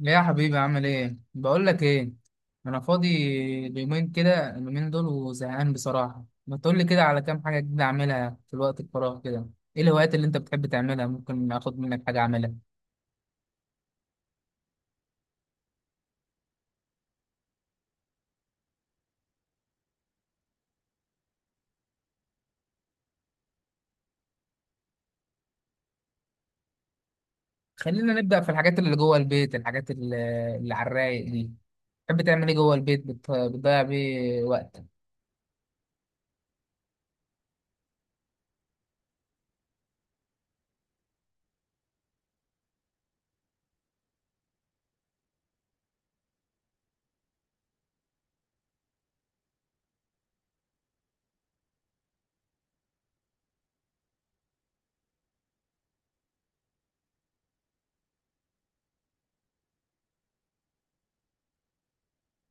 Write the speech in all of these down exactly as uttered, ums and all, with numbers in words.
يا حبيبي عامل ايه؟ بقول لك ايه، انا فاضي اليومين كده، اليومين دول وزهقان بصراحه. ما تقول لي كده على كام حاجه جديده اعملها في الوقت الفراغ كده. ايه الهوايات اللي انت بتحب تعملها؟ ممكن اخد منك حاجه اعملها. خلينا نبدا في الحاجات اللي جوه البيت، الحاجات اللي اللي على الرايق دي، بتحب تعمل ايه جوه البيت؟ بت- بتضيع بيه وقتك.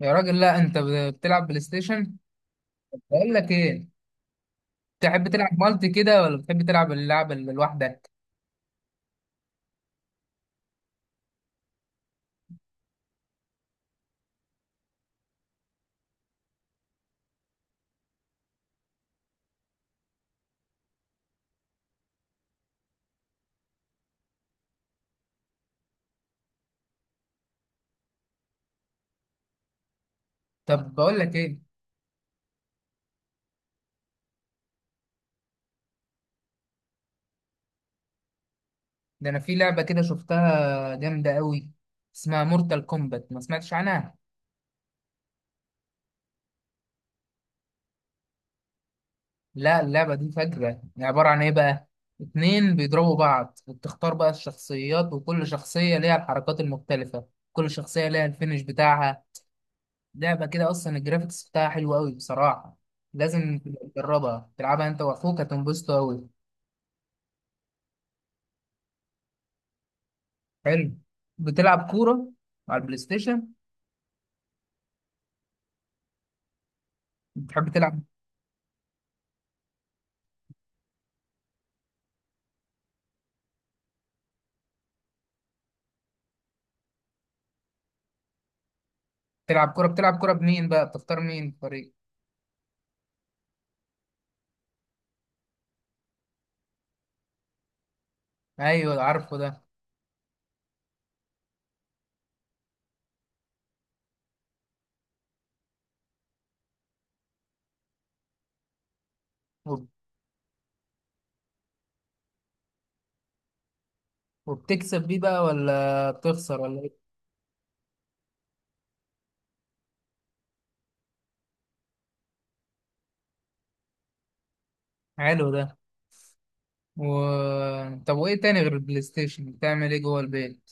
يا راجل، لا انت ب- بتلعب بلاي ستيشن؟ بقول لك ايه، تحب تلعب مالتي كده ولا بتحب تلعب اللعبه اللي لوحدك؟ طب بقول لك ايه، ده انا في لعبة كده شفتها جامدة قوي، اسمها مورتال كومبات، ما سمعتش عنها؟ لا اللعبة دي فجرة. عبارة عن ايه بقى؟ اتنين بيضربوا بعض وبتختار بقى الشخصيات، وكل شخصية ليها الحركات المختلفة، كل شخصية ليها الفينش بتاعها. لعبة كده اصلا الجرافيكس بتاعها حلو قوي بصراحة. لازم تجربها، تلعبها انت واخوك هتنبسطوا قوي. حلو. بتلعب كورة على البلاي ستيشن؟ بتحب تلعب؟ تلعب كورة. بتلعب كورة بمين بقى؟ بتختار مين في الفريق؟ ايوه عارفه ده. وبتكسب بيه بقى ولا بتخسر ولا ايه؟ حلو ده. و... طب وايه تاني غير البلاي ستيشن؟ بتعمل ايه جوه البيت؟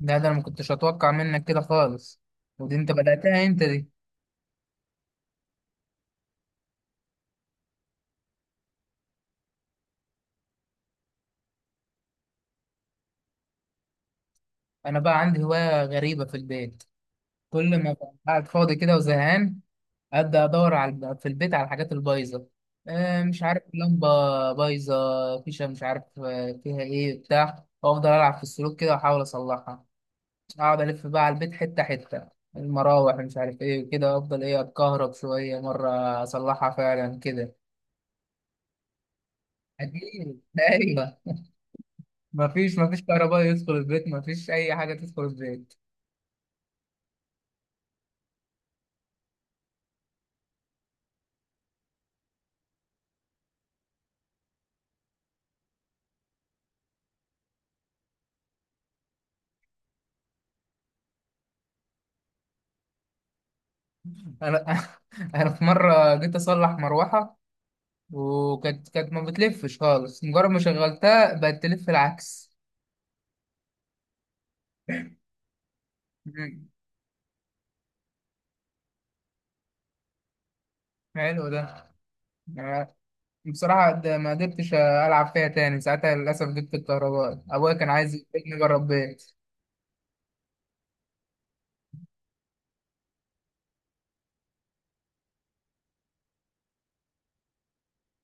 ده ده انا ما كنتش اتوقع منك كده خالص. ودي انت بدأتها انت دي؟ انا بقى عندي هواية غريبة في البيت، كل ما أبقى قاعد فاضي كده وزهقان ابدا ادور على في البيت على الحاجات البايظة، آه، مش عارف لمبة بايظة، فيشة مش عارف آه، فيها ايه بتاع، وافضل العب في السلوك كده واحاول اصلحها. اقعد الف بقى على البيت حته حته، المراوح مش عارف ايه وكده، افضل ايه اتكهرب شويه مره، اصلحها فعلا كده. اكيد ايوه. مفيش، مفيش كهرباء يدخل البيت، مفيش اي حاجه تدخل البيت. انا انا في مره جيت اصلح مروحه، وكانت كانت ما بتلفش خالص، مجرد ما شغلتها بقت تلف العكس. مم. حلو ده. أنا بصراحة ده ما قدرتش ألعب فيها تاني ساعتها للأسف، جبت الكهرباء أبويا كان عايز يجيبني بره البيت.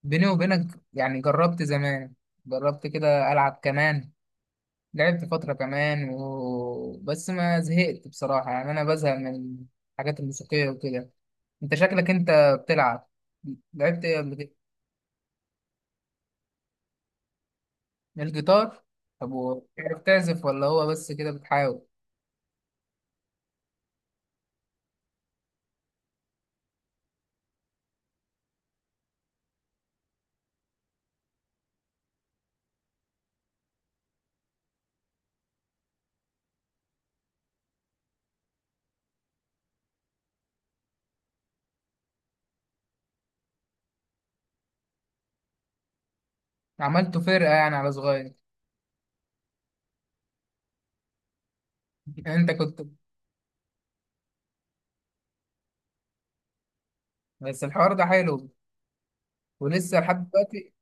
بيني وبينك، يعني جربت زمان، جربت كده ألعب كمان، لعبت فترة كمان، و... بس ما زهقت بصراحة. يعني أنا بزهق من الحاجات الموسيقية وكده. أنت شكلك أنت بتلعب، لعبت إيه قبل كده؟ الجيتار. طب وبتعرف تعزف ولا هو بس كده بتحاول؟ عملته فرقة يعني على صغير؟ أنت كنت. بس الحوار ده حلو، ولسه لحد دلوقتي.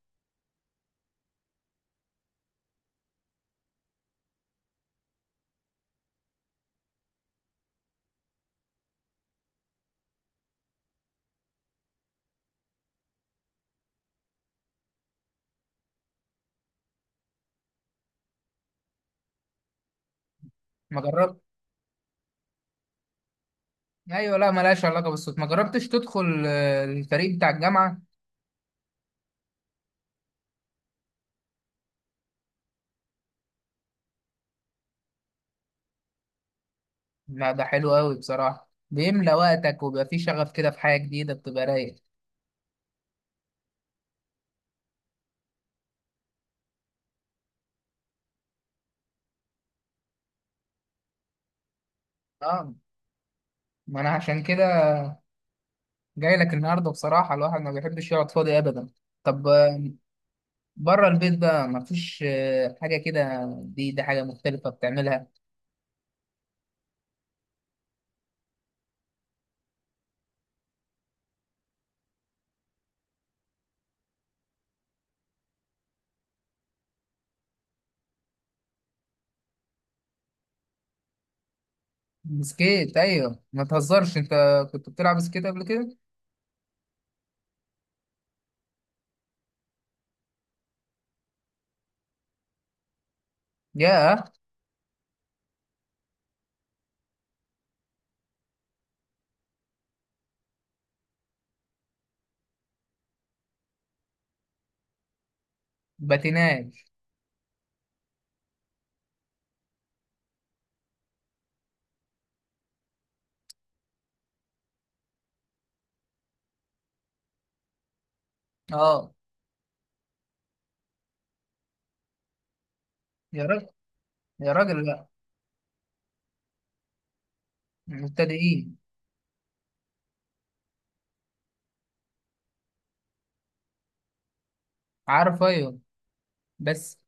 ما جربت، أيوة، لا ملهاش علاقة بالصوت. ما جربتش تدخل آه، الفريق بتاع الجامعة؟ لا ده حلو قوي بصراحة، بيملى وقتك وبيبقى فيه شغف كده في حاجة جديدة، بتبقى رايق. اه ما انا عشان كده جاي لك النهاردة بصراحة، الواحد ما بيحبش يقعد فاضي ابدا. طب آه، بره البيت بقى ما فيش آه، حاجة كده؟ دي دي حاجة مختلفة بتعملها. بسكيت؟ ايوه ما تهزرش انت، كنت بتلعب بسكيت قبل كده؟ ياه. باتيناج، اه. يا راجل، يا راجل، لا. مبتدئين. عارف، ايوه. بس،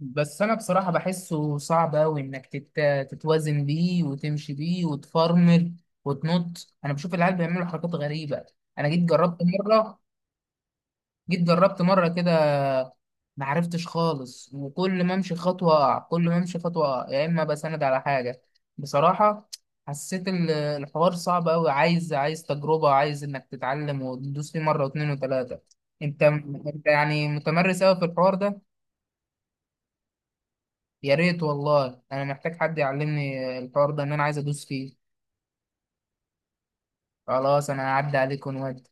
بس انا بصراحة بحسه صعب اوي انك تت... تتوازن بيه وتمشي بيه وتفرمل وتنط. انا بشوف العيال بيعملوا حركات غريبة. انا جيت جربت مرة، جيت جربت مرة كده، ما عرفتش خالص، وكل ما امشي خطوة اقع، كل ما امشي خطوة اقع يا اما بسند على حاجة. بصراحة حسيت ال- الحوار صعب اوي، عايز، عايز تجربة، عايز انك تتعلم وتدوس فيه مرة واتنين وتلاتة. انت، انت يعني متمرس اوي في الحوار ده. يا ريت والله، انا محتاج حد يعلمني الحوار ده، ان انا عايز ادوس فيه. خلاص انا هعدي عليك ونودي.